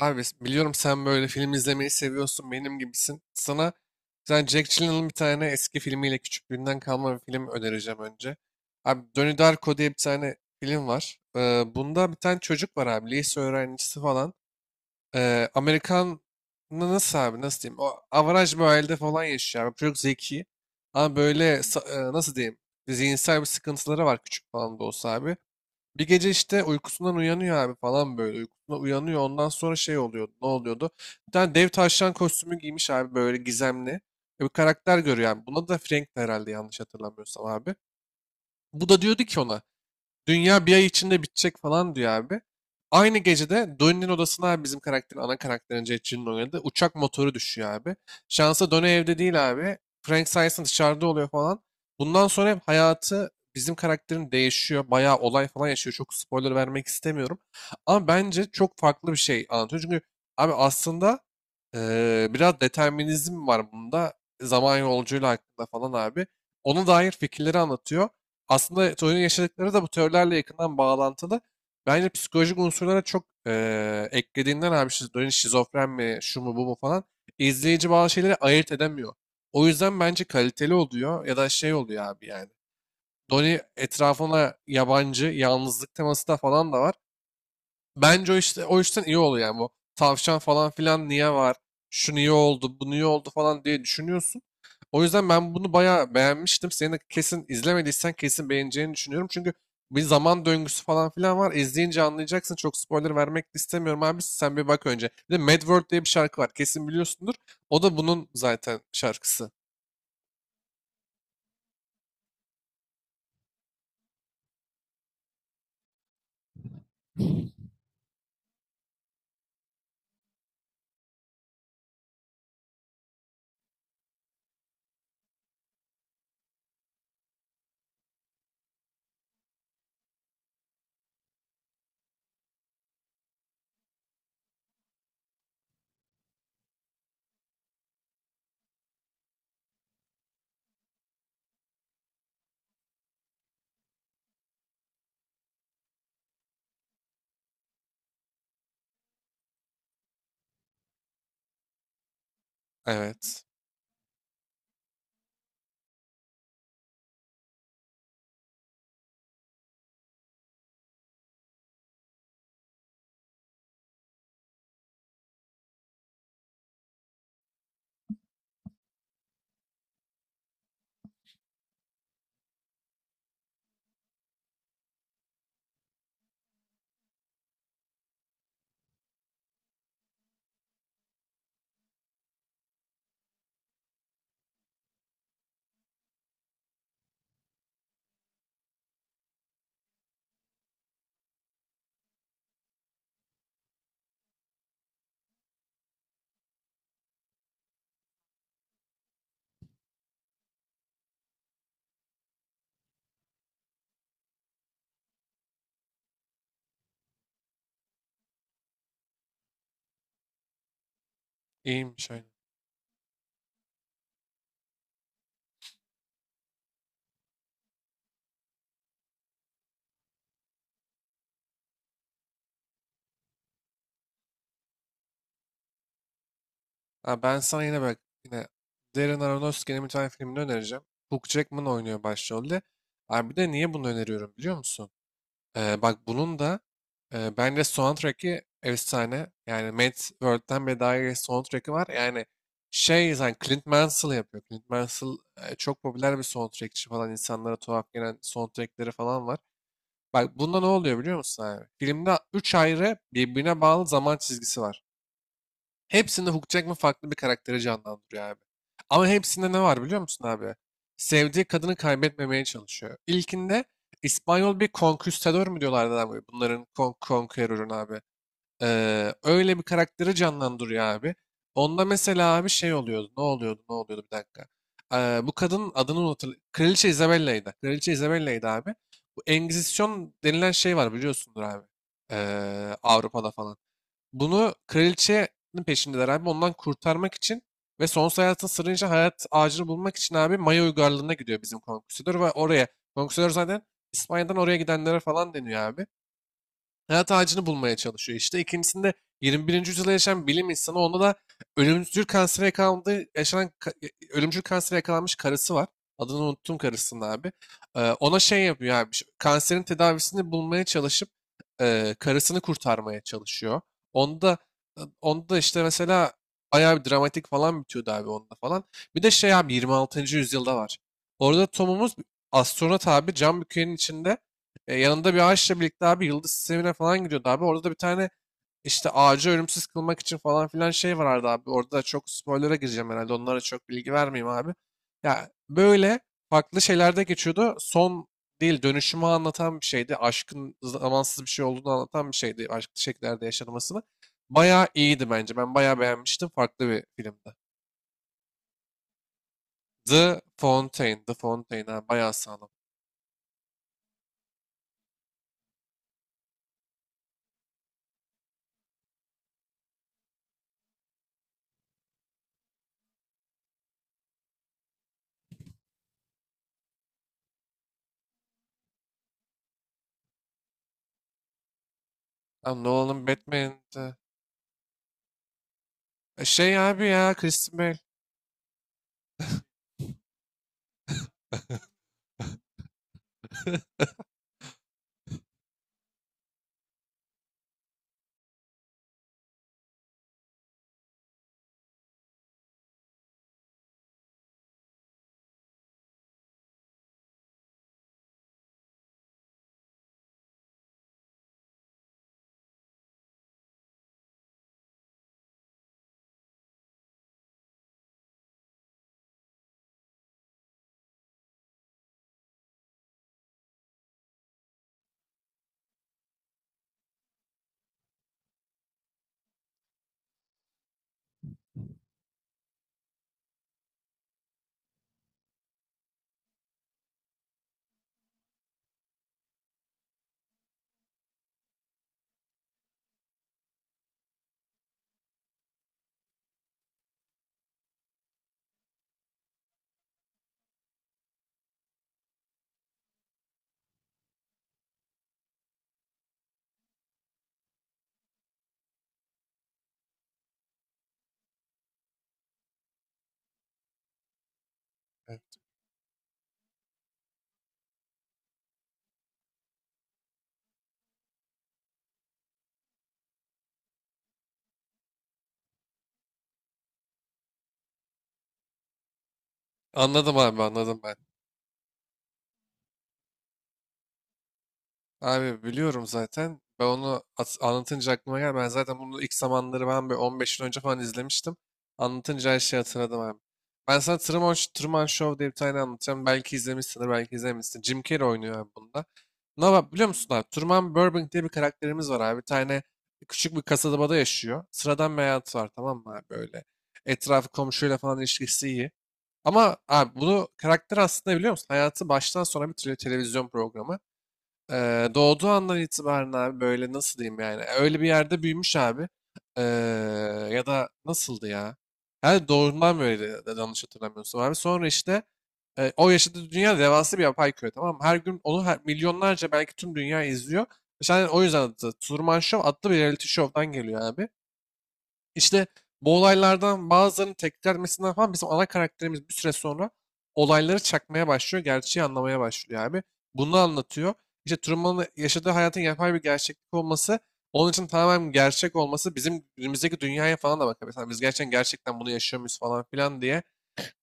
Abi biliyorum, sen böyle film izlemeyi seviyorsun, benim gibisin. Sana sen Jack Gyllenhaal'ın bir tane eski filmiyle küçüklüğünden kalma bir film önereceğim önce. Abi Donnie Darko diye bir tane film var. Bunda bir tane çocuk var abi, lise öğrencisi falan. Amerikan nasıl abi, nasıl diyeyim, o avaraj bir ailede falan yaşıyor abi. Çocuk zeki ama böyle nasıl diyeyim, zihinsel bir sıkıntıları var, küçük falan da olsa abi. Bir gece işte uykusundan uyanıyor abi falan böyle. Uykusundan uyanıyor. Ondan sonra şey oluyordu. Ne oluyordu? Bir tane dev tavşan kostümü giymiş abi, böyle gizemli. Bir karakter görüyor yani. Buna da Frank, herhalde yanlış hatırlamıyorsam abi. Bu da diyordu ki ona. Dünya bir ay içinde bitecek falan diyor abi. Aynı gecede Donnie'nin odasına abi, bizim karakterin, ana karakterin, Jetçi'nin oynadığı uçak motoru düşüyor abi. Şansa Donnie evde değil abi. Frank sayesinde dışarıda oluyor falan. Bundan sonra hep hayatı bizim karakterin değişiyor. Bayağı olay falan yaşıyor. Çok spoiler vermek istemiyorum. Ama bence çok farklı bir şey anlatıyor. Çünkü abi aslında biraz determinizm var bunda. Zaman yolculuğuyla hakkında falan abi. Ona dair fikirleri anlatıyor, aslında çocuğun yaşadıkları da bu teorilerle yakından bağlantılı. Bence psikolojik unsurlara çok eklediğinden abi şizofreni, şizofren mi, şu mu bu mu falan, izleyici bazı şeyleri ayırt edemiyor. O yüzden bence kaliteli oluyor ya da şey oluyor abi yani. Donnie etrafına yabancı, yalnızlık teması da falan da var. Bence o işte o işten iyi oluyor yani. Bu tavşan falan filan niye var? Şu niye oldu? Bu niye oldu falan diye düşünüyorsun. O yüzden ben bunu bayağı beğenmiştim. Senin de kesin izlemediysen kesin beğeneceğini düşünüyorum. Çünkü bir zaman döngüsü falan filan var. İzleyince anlayacaksın. Çok spoiler vermek de istemiyorum abi. Sen bir bak önce. Bir de Mad World diye bir şarkı var. Kesin biliyorsundur. O da bunun zaten şarkısı. Evet. İyiymiş, aynen. Ha, ben sana yine bak, yine Darren Aronofsky'nin bir tane filmini önereceğim. Hugh Jackman oynuyor başrolde. Abi bir de niye bunu öneriyorum biliyor musun? Bak bunun da bence soundtrack'i efsane. Yani Mad World'den bile daha iyi soundtrack'i var. Yani şey, zaten Clint Mansell yapıyor. Clint Mansell çok popüler bir soundtrackçi falan. İnsanlara tuhaf gelen soundtrackleri falan var. Bak bunda ne oluyor biliyor musun abi? Filmde 3 ayrı birbirine bağlı zaman çizgisi var. Hepsinde Hugh Jackman farklı bir karakteri canlandırıyor abi. Ama hepsinde ne var biliyor musun abi? Sevdiği kadını kaybetmemeye çalışıyor. İlkinde İspanyol bir konküstador mu diyorlardı abi? Bunların konqueror'un abi. Öyle bir karakteri canlandırıyor abi. Onda mesela abi şey oluyordu. Ne oluyordu? Ne oluyordu? Bir dakika. Bu kadının adını unutur. Kraliçe Isabella'ydı. Kraliçe Isabella'ydı abi. Bu Engizisyon denilen şey var, biliyorsundur abi. Avrupa'da falan. Bunu, kraliçenin peşindeler abi. Ondan kurtarmak için ve sonsuz hayatın sırrınca hayat ağacını bulmak için abi Maya uygarlığına gidiyor bizim konküsör ve oraya. Konküsör zaten İspanya'dan oraya gidenlere falan deniyor abi, hayat ağacını bulmaya çalışıyor işte. İkincisinde 21. yüzyılda yaşayan bilim insanı, onda da ölümcül kansere yakalandığı yaşanan ka- e, ölümcül kansere yakalanmış karısı var. Adını unuttum karısının abi. Ona şey yapıyor abi. Kanserin tedavisini bulmaya çalışıp karısını kurtarmaya çalışıyor. Onda, işte mesela bayağı bir dramatik falan bitiyordu abi onda falan. Bir de şey abi, 26. yüzyılda var. Orada Tom'umuz astronot abi, cam bükenin içinde yanında bir ağaçla birlikte abi yıldız sistemine falan gidiyordu abi. Orada da bir tane işte ağacı ölümsüz kılmak için falan filan şey vardı abi. Orada da çok spoiler'a gireceğim herhalde. Onlara çok bilgi vermeyeyim abi. Ya böyle farklı şeylerde geçiyordu. Son değil, dönüşümü anlatan bir şeydi. Aşkın zamansız bir şey olduğunu anlatan bir şeydi. Aşklı şekillerde yaşanmasını. Bayağı iyiydi bence. Ben bayağı beğenmiştim. Farklı bir filmdi. The Fountain. The Fountain, ha. Bayağı sağlam. Lan Nolan'ın Batman'di. Şey abi ya, Christian Bale. Evet. Anladım abi, anladım ben. Abi biliyorum zaten. Ben onu anlatınca aklıma geldi. Ben zaten bunu ilk zamanları, ben bir 15 yıl önce falan izlemiştim. Anlatınca her şeyi hatırladım abi. Ben sana Truman, Truman Show diye bir tane anlatacağım. Belki izlemişsindir, belki izlememişsin. Jim Carrey oynuyor abi bunda. Ne var biliyor musun abi? Truman Burbank diye bir karakterimiz var abi. Bir tane küçük bir kasabada yaşıyor. Sıradan bir hayatı var, tamam mı abi, böyle. Etrafı komşuyla falan ilişkisi iyi. Ama abi bunu karakter aslında biliyor musun? Hayatı baştan sona bir televizyon programı. Doğduğu andan itibaren abi böyle nasıl diyeyim yani öyle bir yerde büyümüş abi. Eee, Ya da nasıldı ya, her doğduğundan böyle yanlış hatırlamıyorsun abi, sonra işte o yaşadığı dünya devasa bir yapay köy, tamam mı? Her gün onu her, milyonlarca, belki tüm dünya izliyor işte. Hani o yüzden adı Truman Show, adlı bir reality show'dan geliyor abi. İşte bu olaylardan bazılarının tekrarmesinden falan bizim ana karakterimiz bir süre sonra olayları çakmaya başlıyor, gerçeği anlamaya başlıyor abi. Bunu anlatıyor. İşte Truman'ın yaşadığı hayatın yapay bir gerçeklik olması, onun için tamamen gerçek olması bizim günümüzdeki dünyaya falan da bakıyor. Mesela biz gerçekten gerçekten bunu yaşıyor muyuz falan filan diye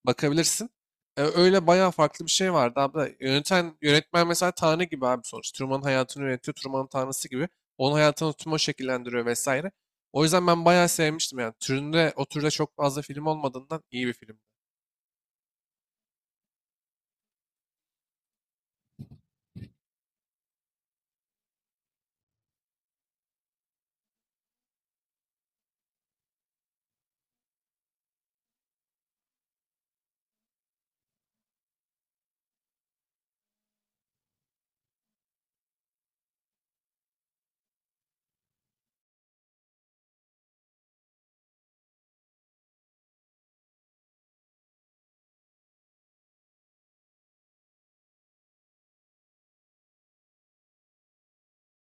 bakabilirsin. Öyle bayağı farklı bir şey vardı abi. Yöneten, yönetmen mesela Tanrı gibi abi sonuç. Truman'ın hayatını yönetiyor. Truman'ın Tanrısı gibi. Onun hayatını Truman şekillendiriyor vesaire. O yüzden ben bayağı sevmiştim yani. Türünde, o türde çok fazla film olmadığından iyi bir film.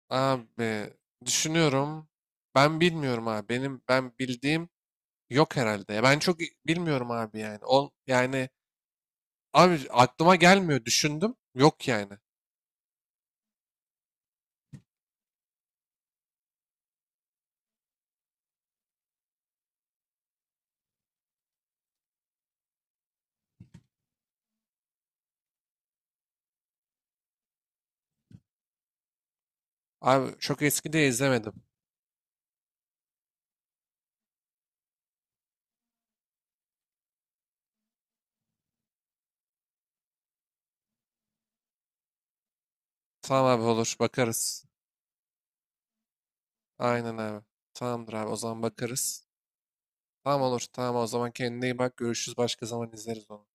Abi düşünüyorum. Ben bilmiyorum abi. Benim ben bildiğim yok herhalde. Ya ben çok bilmiyorum abi yani. Ol yani abi aklıma gelmiyor. Düşündüm. Yok yani. Abi çok eski de izlemedim. Tamam abi olur, bakarız. Aynen abi. Tamamdır abi, o zaman bakarız. Tamam olur, tamam, o zaman kendine iyi bak, görüşürüz, başka zaman izleriz onu.